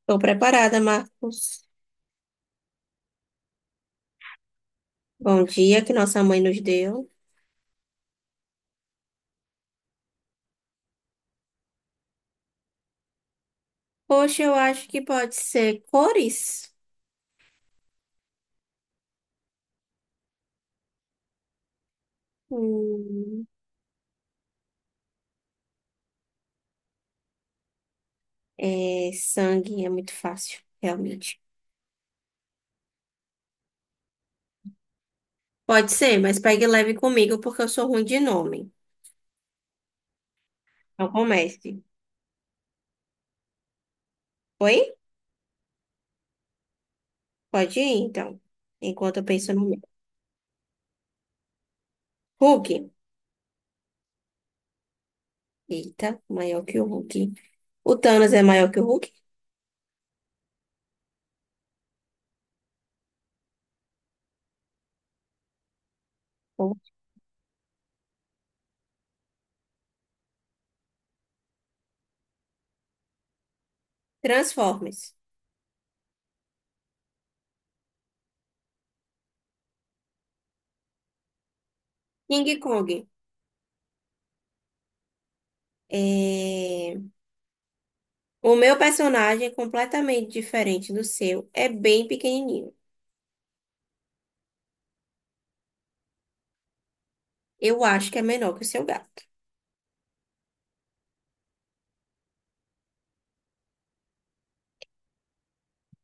Estou preparada, Marcos. Bom dia que nossa mãe nos deu. Poxa, eu acho que pode ser cores. Hum, é, sangue é muito fácil, realmente. Pode ser, mas pegue leve comigo porque eu sou ruim de nome. Então comece. Oi? Pode ir, então. Enquanto eu penso no meu. Hulk. Eita, maior que o Hulk. O Thanos é maior que o Hulk? Transformers. King Kong. É... O meu personagem é completamente diferente do seu, é bem pequenininho. Eu acho que é menor que o seu gato.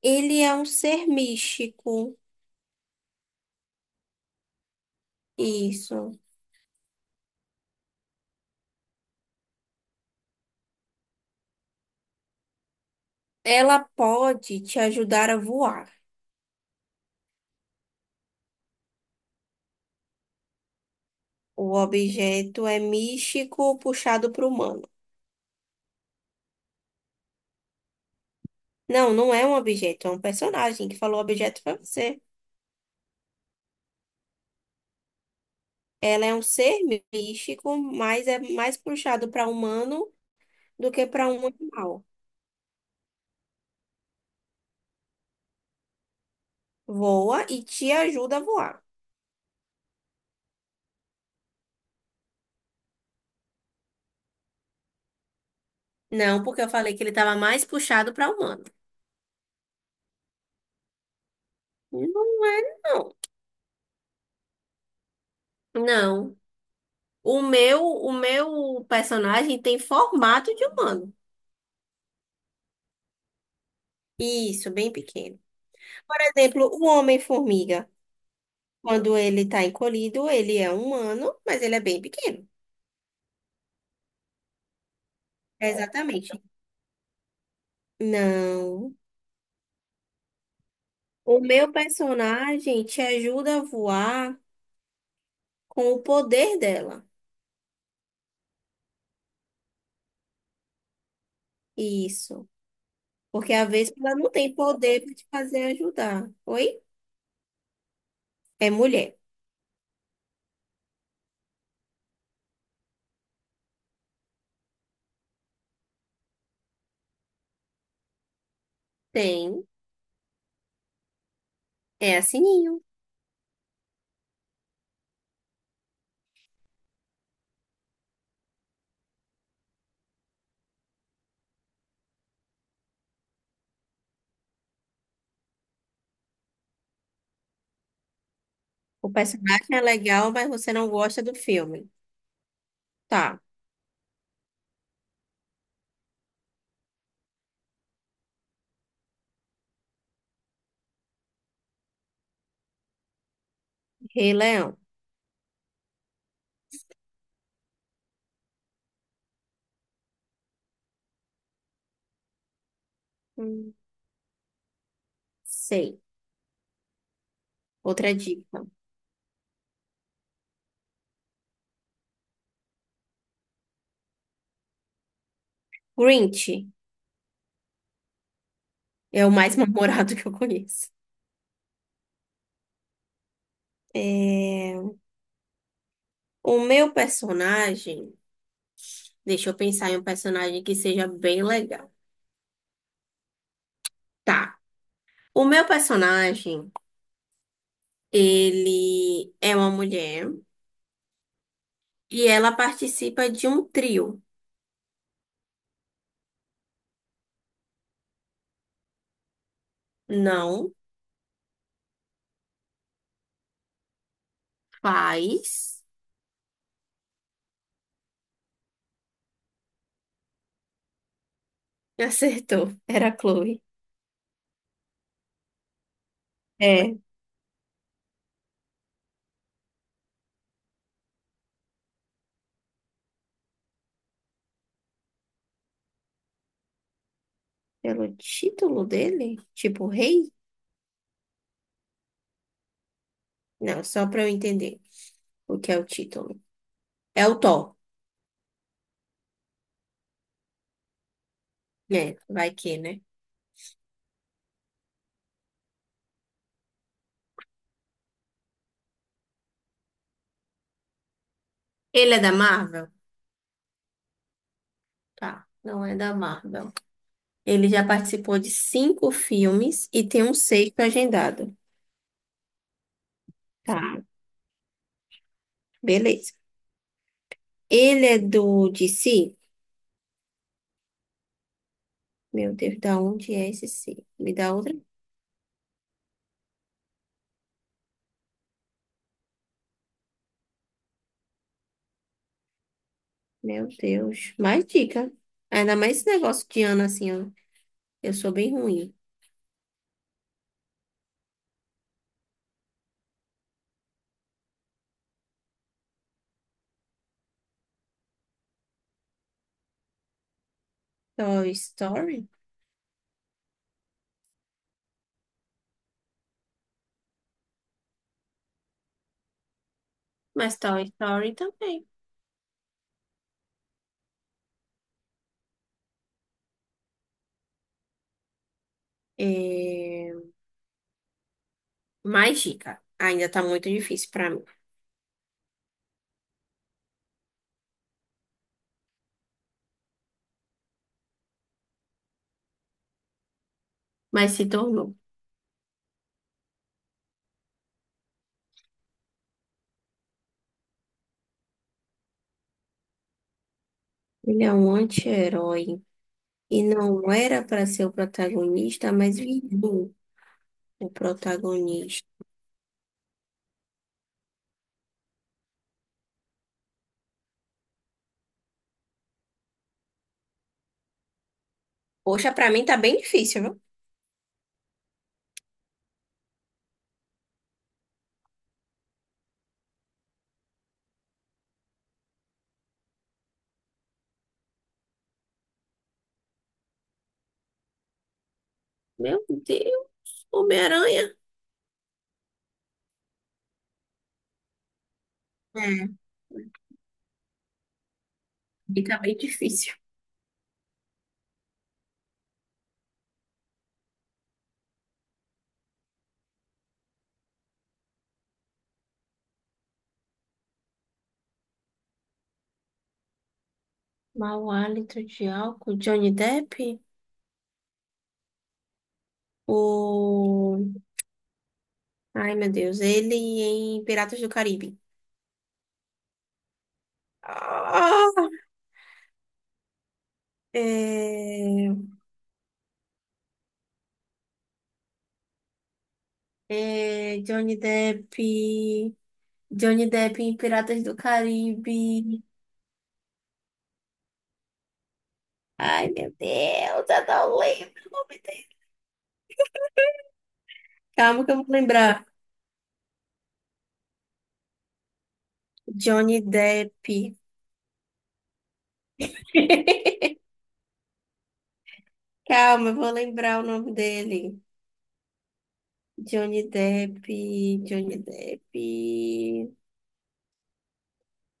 Ele é um ser místico. Isso. Ela pode te ajudar a voar. O objeto é místico puxado para o humano. Não, não é um objeto, é um personagem que falou objeto para você. Ela é um ser místico, mas é mais puxado para humano do que para um animal. Voa e te ajuda a voar. Não, porque eu falei que ele estava mais puxado para humano. Não é, não. Não. O meu personagem tem formato de humano. Isso, bem pequeno. Por exemplo, o Homem-Formiga, quando ele está encolhido, ele é humano, mas ele é bem pequeno. Exatamente. Não. O meu personagem te ajuda a voar com o poder dela. Isso. Porque a Vespa ela não tem poder para te fazer ajudar. Oi? É mulher. Tem. É a Sininho. O personagem é legal, mas você não gosta do filme. Tá. Rei Leão. Hum, sei. Outra dica. Grinch é o mais memorado que eu conheço. É. O meu personagem. Deixa eu pensar em um personagem que seja bem legal. Tá. O meu personagem, ele é uma mulher e ela participa de um trio. Não faz. Acertou. Era a Chloe. É. Pelo título dele? Tipo rei? Não, só pra eu entender o que é o título. É o Thor, né? Vai que, né? Ele é da Marvel? Tá, não é da Marvel. Ele já participou de cinco filmes e tem um sexto agendado. Tá, beleza. Ele é do DC? Meu Deus, da onde é esse C? Me dá outra? Meu Deus, mais dica. Ainda mais esse negócio de ano assim, ó. Eu sou bem ruim. Toy Story? Mas Toy Story também. É... Mais dica. Ainda tá muito difícil pra mim. Mas se tornou. Ele é um anti-herói. E não era pra ser o protagonista, mas virou o protagonista. Poxa, pra mim tá bem difícil, viu? Meu Deus, Homem-Aranha. É, e tá bem difícil. Mau hálito de álcool, Johnny Depp? O... Ai, meu Deus, ele em Piratas do Caribe. Ah, é... É, Johnny Depp, Johnny Depp em Piratas do Caribe. Ai, meu Deus, eu não lembro o nome dele. Calma que eu vou lembrar. Johnny Depp. Calma, eu vou lembrar o nome dele. Johnny Depp, Johnny Depp.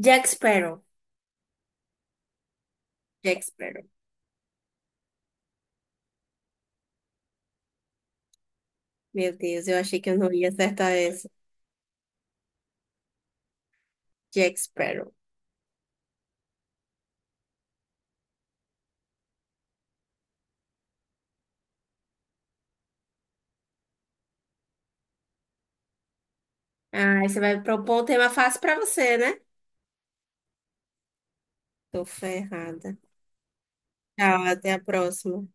Jack Sparrow. Jack Sparrow. Meu Deus, eu achei que eu não ia acertar essa. Jack Sparrow. Ah, você vai propor um tema fácil pra você, né? Tô ferrada. Tchau, até a próxima.